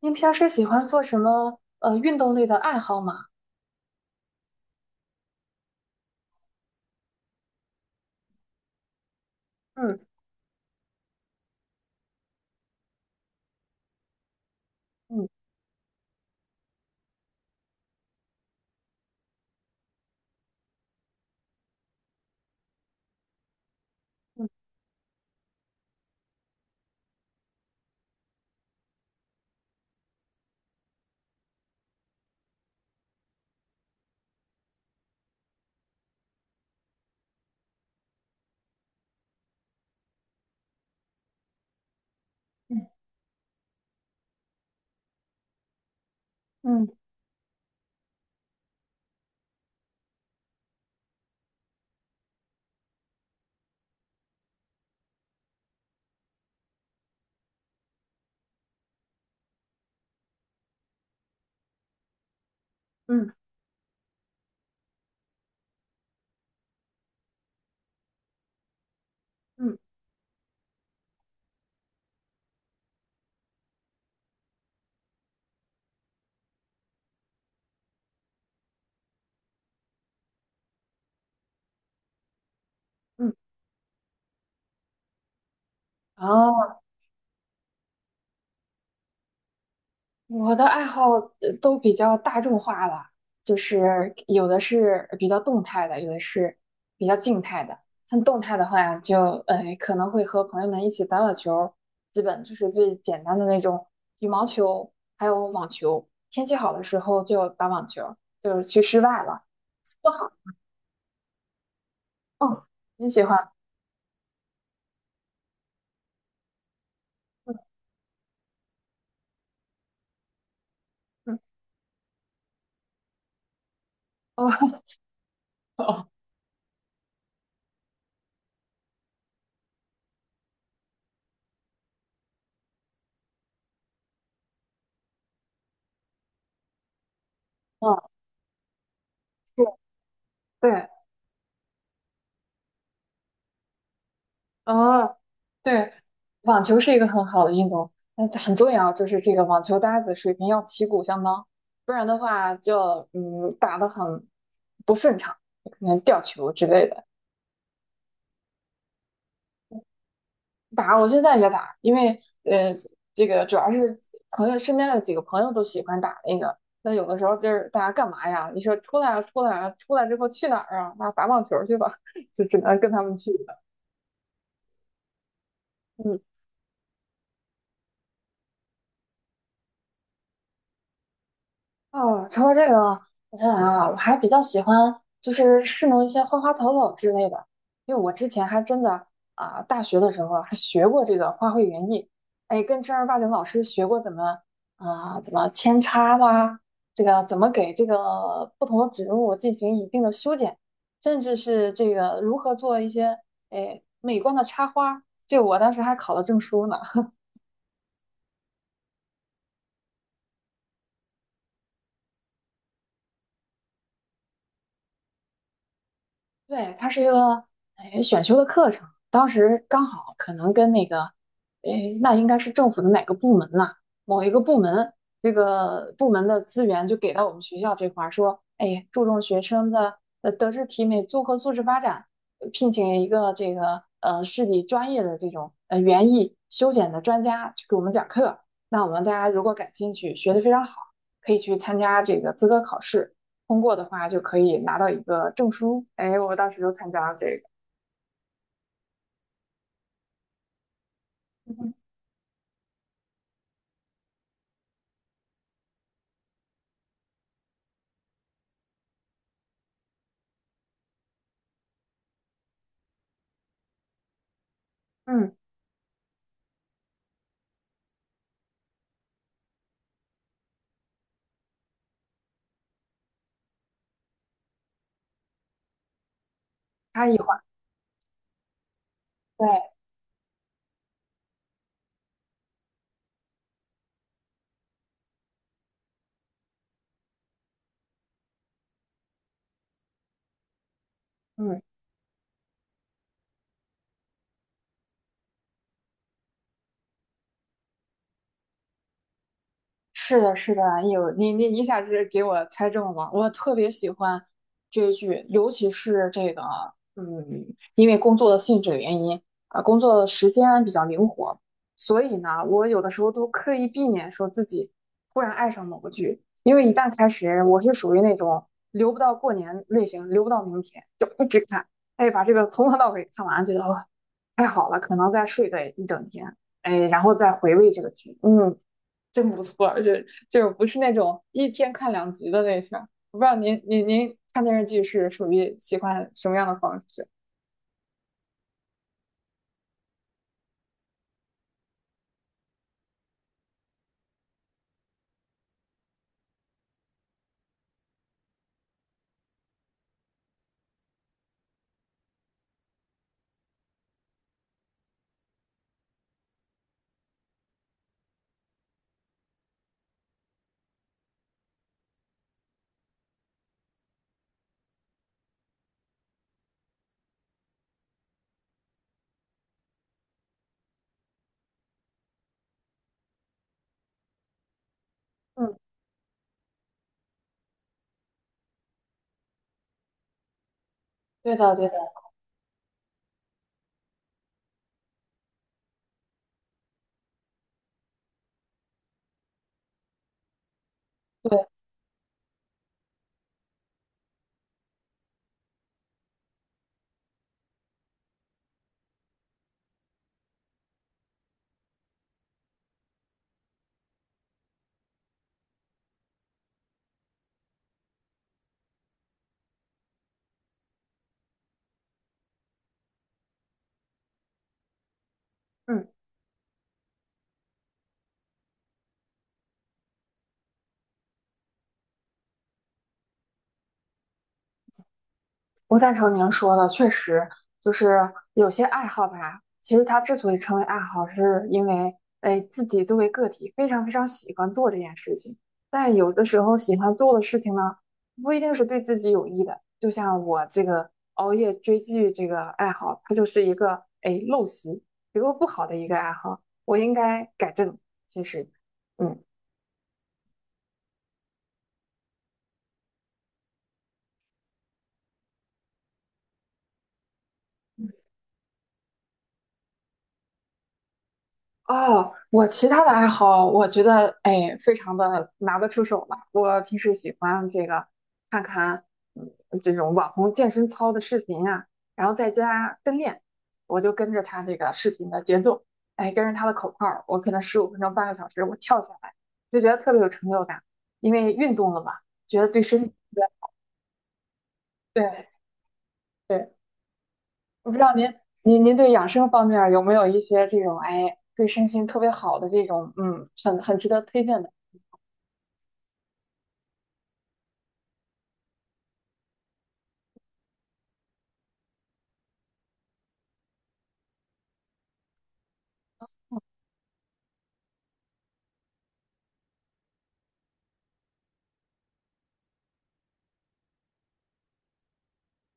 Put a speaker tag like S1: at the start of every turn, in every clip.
S1: 您平时喜欢做什么运动类的爱好吗？嗯嗯嗯嗯嗯嗯嗯。嗯哦，我的爱好都比较大众化了，就是有的是比较动态的，有的是比较静态的。像动态的话就，可能会和朋友们一起打打球，基本就是最简单的那种羽毛球，还有网球。天气好的时候就打网球，就是去室外了，多好。哦，你喜欢？嗯嗯。哦。哦，嗯，是，对，哦，对，网球是一个很好的运动，那很重要，就是这个网球搭子水平要旗鼓相当，不然的话就打得很不顺畅，可能掉球之类的。打我现在也打，因为这个主要是朋友身边的几个朋友都喜欢打那个，那有的时候就是大家干嘛呀？你说出来啊出来啊，出来之后去哪儿啊？那打网球去吧，就只能跟他们去了。嗯。哦，除了这个，我想想啊，我还比较喜欢就是侍弄一些花花草草之类的，因为我之前还真的啊、大学的时候还学过这个花卉园艺，哎，跟正儿八经老师学过怎么扦插啦，这个怎么给这个不同的植物进行一定的修剪，甚至是这个如何做一些哎美观的插花，这我当时还考了证书呢。对，它是一个哎选修的课程，当时刚好可能跟那个，哎，那应该是政府的哪个部门呐？某一个部门，这个部门的资源就给到我们学校这块儿，说，哎，注重学生的德智体美综合素质发展，聘请一个这个市里专业的这种园艺修剪的专家去给我们讲课。那我们大家如果感兴趣，学得非常好，可以去参加这个资格考试。通过的话就可以拿到一个证书。哎，我当时就参加了这个。嗯，嗯差异化，对，嗯。是的，是的，有你一下子给我猜中了，我特别喜欢追剧，尤其是这个，嗯，因为工作的性质原因，啊、工作的时间比较灵活，所以呢，我有的时候都刻意避免说自己忽然爱上某个剧，因为一旦开始，我是属于那种留不到过年类型，留不到明天，就一直看，哎，把这个从头到尾看完，觉得哦，太好了，可能再睡个一整天，哎，然后再回味这个剧，嗯。真不错，就是不是那种一天看两集的类型。我不知道您看电视剧是属于喜欢什么样的方式？嗯，对的对的，对，嗯。我赞成您说的，确实就是有些爱好吧。其实它之所以称为爱好，是因为哎自己作为个体非常非常喜欢做这件事情。但有的时候喜欢做的事情呢，不一定是对自己有益的。就像我这个熬夜追剧这个爱好，它就是一个哎陋习，一个不好的一个爱好，我应该改正。其实，嗯。哦，我其他的爱好，我觉得哎，非常的拿得出手吧。我平时喜欢这个看看嗯这种网红健身操的视频啊，然后在家跟练，我就跟着他这个视频的节奏，哎，跟着他的口号儿我可能15分钟、半个小时，我跳下来就觉得特别有成就感，因为运动了嘛，觉得对身体特别 对对，我不知道您对养生方面儿有没有一些这种哎对身心特别好的这种很值得推荐的。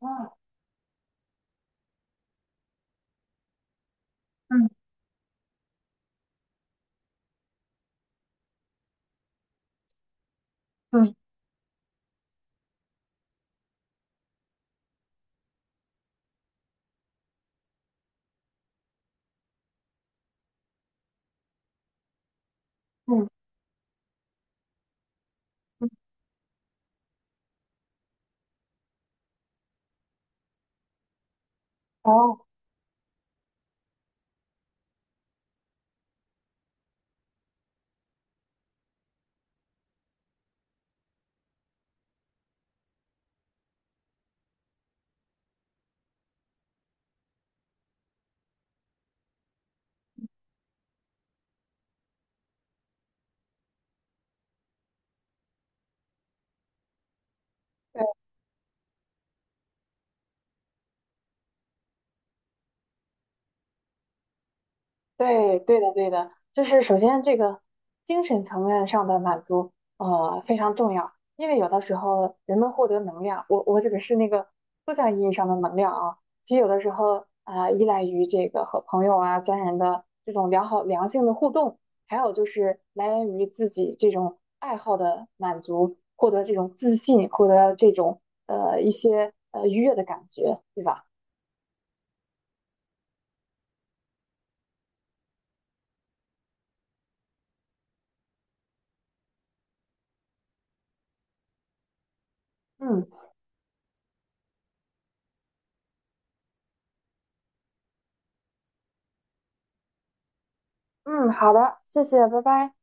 S1: 嗯嗯，嗯嗯，嗯，哦，对对对的对的，就是首先这个精神层面上的满足，非常重要，因为有的时候人们获得能量，我指的是那个抽象意义上的能量啊，其实有的时候啊，依赖于这个和朋友啊、家人的这种良好良性的互动，还有就是来源于自己这种爱好的满足，获得这种自信，获得这种一些愉悦的感觉，对吧？嗯。嗯，好的，谢谢，拜拜。